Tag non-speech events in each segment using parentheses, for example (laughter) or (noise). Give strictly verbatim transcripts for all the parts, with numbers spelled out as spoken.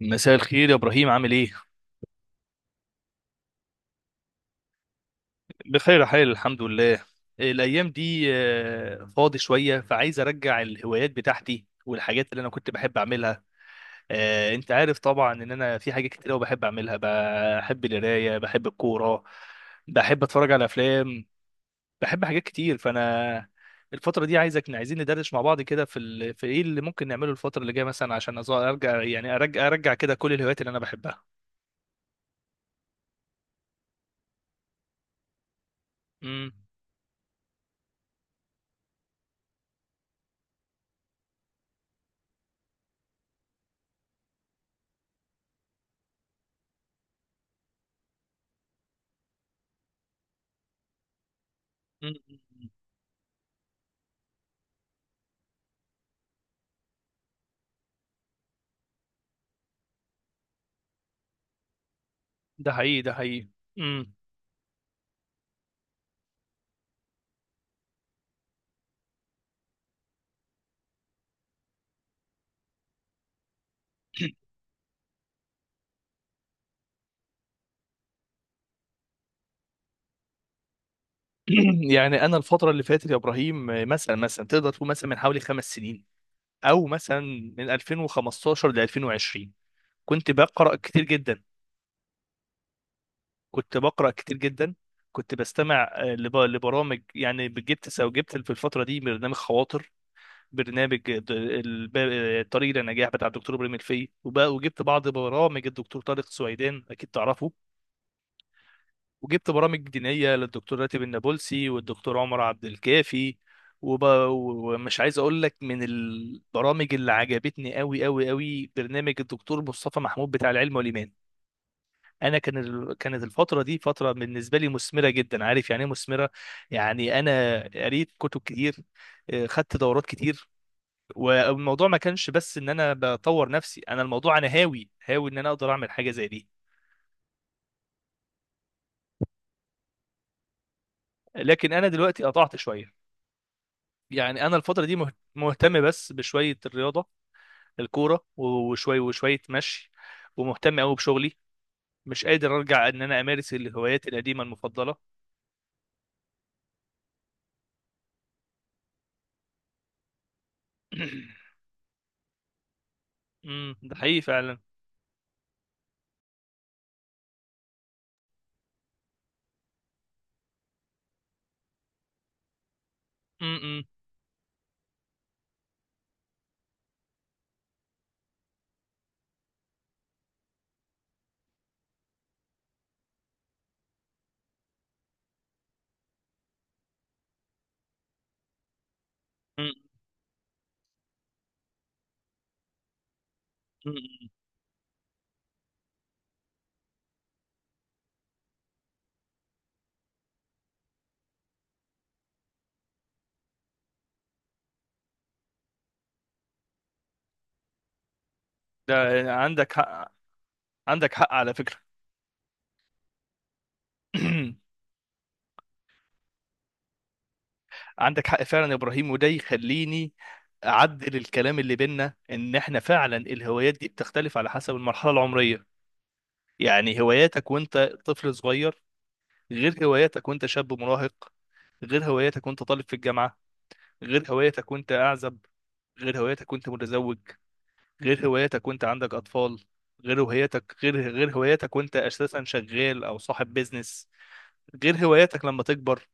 مساء الخير يا ابراهيم، عامل ايه؟ بخير يا حال، الحمد لله. الايام دي آه، فاضي شويه، فعايز ارجع الهوايات بتاعتي والحاجات اللي انا كنت بحب اعملها. آه، انت عارف طبعا ان انا في حاجات كتير قوي بحب اعملها، بحب القرايه، بحب الكوره، بحب اتفرج على افلام، بحب حاجات كتير. فانا الفتره دي عايزك عايزين ندردش مع بعض كده، في ال... في ايه اللي ممكن نعمله الفتره اللي جايه مثلا، عشان أز- ارجع، يعني ارجع ارجع كده كل الهوايات اللي انا بحبها. امم ده حقيقي، ده حقيقي. امم (clears throat) يعني انا الفتره اللي فاتت يا ابراهيم، مثلا مثلا تقدر تقول مثلا من حوالي خمس سنين، او مثلا من ألفين وخمسة عشر ل ألفين وعشرين، كنت بقرا كتير جدا، كنت بقرا كتير جدا كنت بستمع آه، لب- لبرامج. يعني جبت او جبت في الفتره دي برنامج خواطر، برنامج د- الب- آه، طريق للنجاح بتاع الدكتور ابراهيم الفقي، وب- وجبت بعض برامج الدكتور طارق سويدان، اكيد تعرفه. وجبت برامج دينية للدكتور راتب النابلسي والدكتور عمر عبد الكافي. وب... ومش عايز اقول لك، من البرامج اللي عجبتني قوي قوي قوي برنامج الدكتور مصطفى محمود بتاع العلم والايمان. انا كان ال... كانت الفتره دي فتره بالنسبه لي مثمره جدا، عارف يعني ايه مثمره؟ يعني انا قريت كتب كتير، آه، خدت دورات كتير، والموضوع ما كانش بس ان انا بطور نفسي، انا الموضوع انا هاوي هاوي ان انا اقدر اعمل حاجه زي دي. لكن انا دلوقتي قطعت شويه. يعني انا الفتره دي مه- مهتم بس بشويه الرياضه، الكوره، وشويه وشويه مشي، ومهتم قوي بشغلي. مش قادر ارجع ان انا امارس الهوايات القديمه المفضله. (clears throat) امم ده حقيقي فعلا. امم امم ده عندك حق، عندك حق على فكره. (clears throat) عندك حق فعلا يا ابراهيم، وده يخليني اعدل الكلام اللي بينا، ان احنا فعلا الهوايات دي بتختلف على حسب المرحله العمريه. يعني هواياتك وانت طفل صغير، غير هواياتك وانت شاب مراهق، غير هواياتك وانت طالب في الجامعة، غير هواياتك وانت أعزب، غير هواياتك وانت متزوج، غير هواياتك وانت عندك أطفال، غير هواياتك، غير غير هواياتك وانت أساسا شغال أو صاحب بيزنس، غير هواياتك لما تكبر.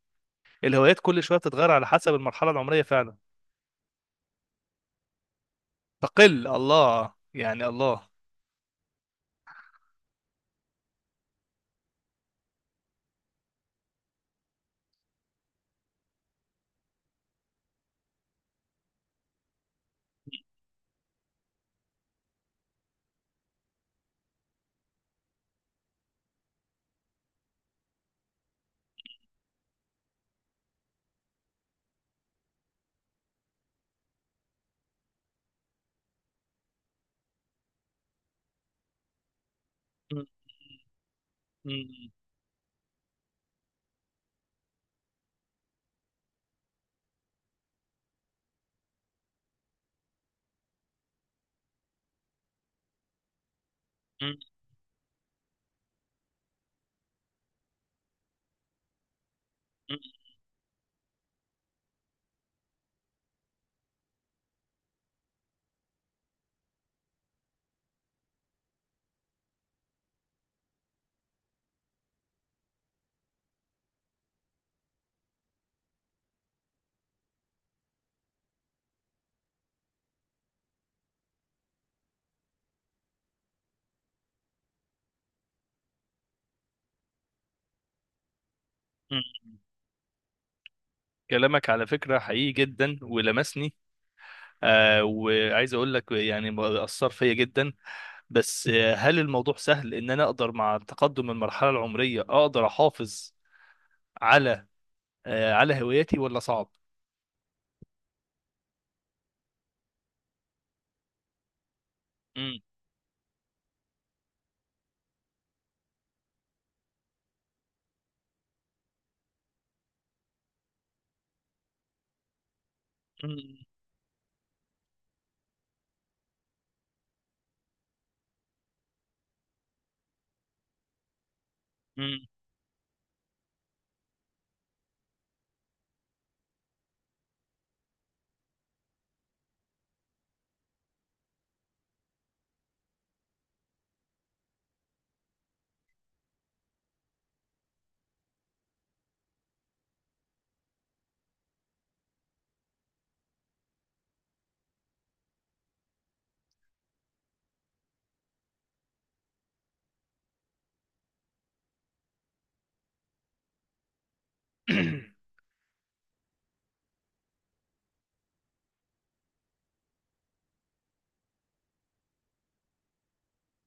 الهوايات كل شوية بتتغير على حسب المرحلة العمرية فعلا. تقل، الله يعني الله. م- م- م- م- م- كلامك على فكرة حقيقي جدا ولمسني. آه وعايز اقول لك يعني اثر فيا جدا. بس آه، هل الموضوع سهل ان انا اقدر مع تقدم المرحله العمريه اقدر احافظ على آه، على هواياتي، ولا صعب؟ مم. مم. مم. (clears throat)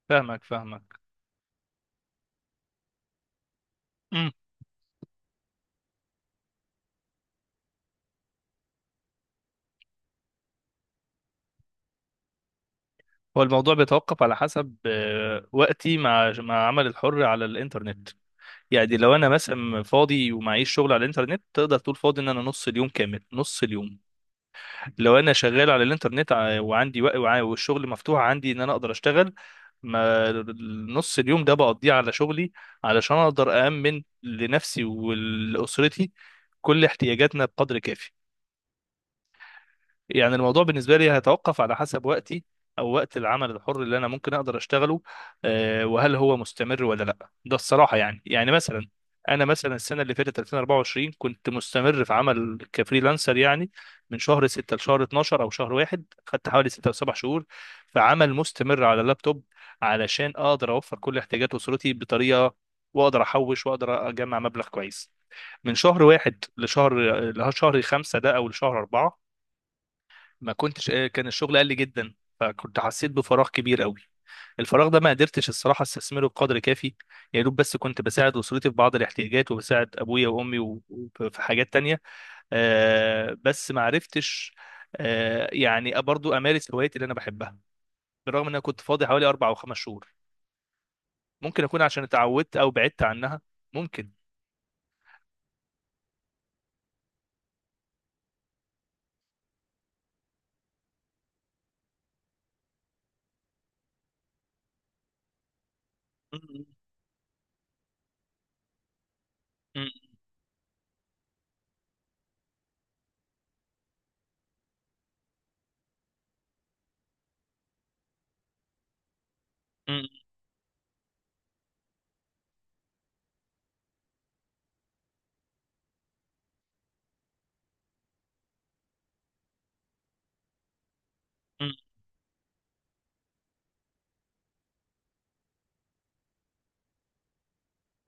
فاهمك، فاهمك. مم. هو الموضوع بيتوقف على حسب آه، وقتي مع مع عمل الحر على الانترنت. يعني لو انا مثلا فاضي ومعيش شغل على الانترنت، تقدر تقول فاضي ان انا نص اليوم كامل، نص اليوم لو انا شغال على الانترنت ع- وعندي وق- وع- والشغل مفتوح عندي ان انا اقدر اشتغل، ما نص اليوم ده بقضيه على شغلي علشان اقدر أأمن لنفسي ولأسرتي كل احتياجاتنا بقدر كافي. يعني الموضوع بالنسبة لي هيتوقف على حسب وقتي، أو وقت العمل الحر اللي أنا ممكن أقدر أشتغله. آه، وهل هو مستمر ولا لأ؟ ده الصراحة يعني يعني مثلا، أنا مثلا السنة اللي فاتت ألفين واربعة وعشرين كنت مستمر في عمل كفريلانسر، يعني من شهر ستة لشهر اتناشر، أو شهر واحد خدت حوالي ستة أو سبعة شهور في عمل مستمر على اللابتوب، علشان أقدر أوفر كل احتياجات أسرتي بطريقة، وأقدر أحوش وأقدر أجمع مبلغ كويس. من شهر واحد لشهر، لشهر خمسة ده أو لشهر أربعة، ما كنتش، آه، كان الشغل قل جدا، فكنت حسيت بفراغ كبير قوي. الفراغ ده ما قدرتش الصراحه استثمره بقدر كافي. يا دوب بس كنت بساعد اسرتي في بعض الاحتياجات وبساعد ابويا وامي، و- وفي حاجات تانية. آه، بس ما عرفتش آه، يعني برضو امارس هوايتي اللي انا بحبها، بالرغم ان انا كنت فاضي حوالي اربع او خمس شهور. ممكن اكون عشان اتعودت او بعدت عنها، ممكن. (laughs)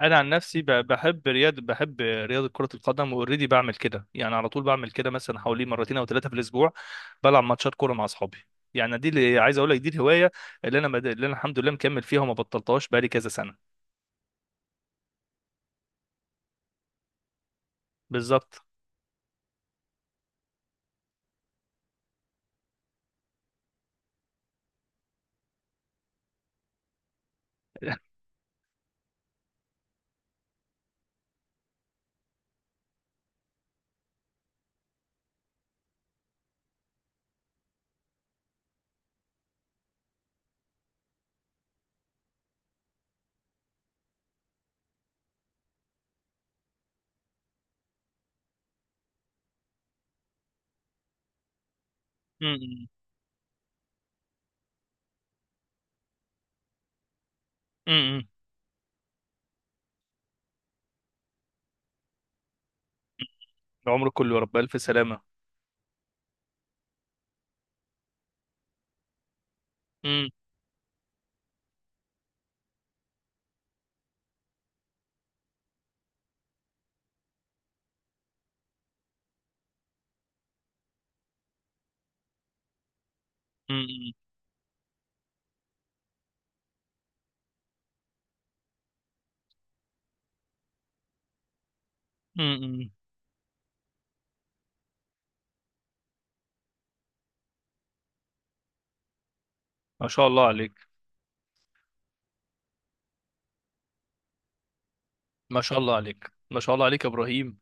انا عن نفسي ب- بحب رياض بحب رياضه كره القدم، واوريدي بعمل كده يعني على طول بعمل كده مثلا حوالي مرتين او ثلاثه في الاسبوع، بلعب ماتشات كوره مع اصحابي. يعني دي اللي عايز اقول لك، دي الهوايه اللي انا بد... اللي انا الحمد لله مكمل فيها وما بطلتهاش بقالي كذا سنه. بالظبط. (laughs) م- م- م- م. عمرك كله يا رب، الف سلامه. م- م- م- م- م. ما شاء الله عليك، ما شاء الله عليك، ما شاء الله عليك يا ابراهيم.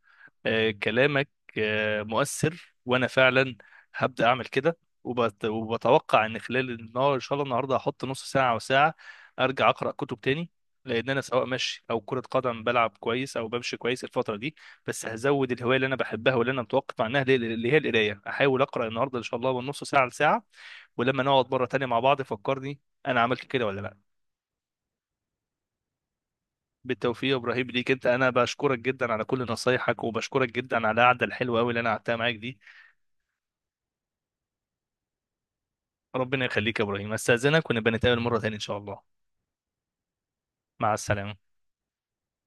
آه كلامك آه مؤثر، وانا فعلا هبدا اعمل كده. وبت... وبتوقع ان خلال النهار ان شاء الله النهارده هحط نص ساعه او ساعه ارجع اقرا كتب تاني. لان انا سواء مشي او كره قدم بلعب كويس او بمشي كويس الفتره دي، بس هزود الهوايه اللي انا بحبها واللي انا متوقف عنها، اللي اللي هي القرايه. احاول اقرا النهارده ان شاء الله من نص ساعه لساعه. ولما نقعد مره تانيه مع بعض فكرني انا عملت كده ولا لا. بالتوفيق يا ابراهيم، ليك انت، انا بشكرك جدا على كل نصايحك، وبشكرك جدا على القعده الحلوه قوي اللي انا قعدتها معاك دي. ربنا يخليك يا ابراهيم، استاذنك ونبقى نتقابل مره تانية ان شاء الله. مع السلامه.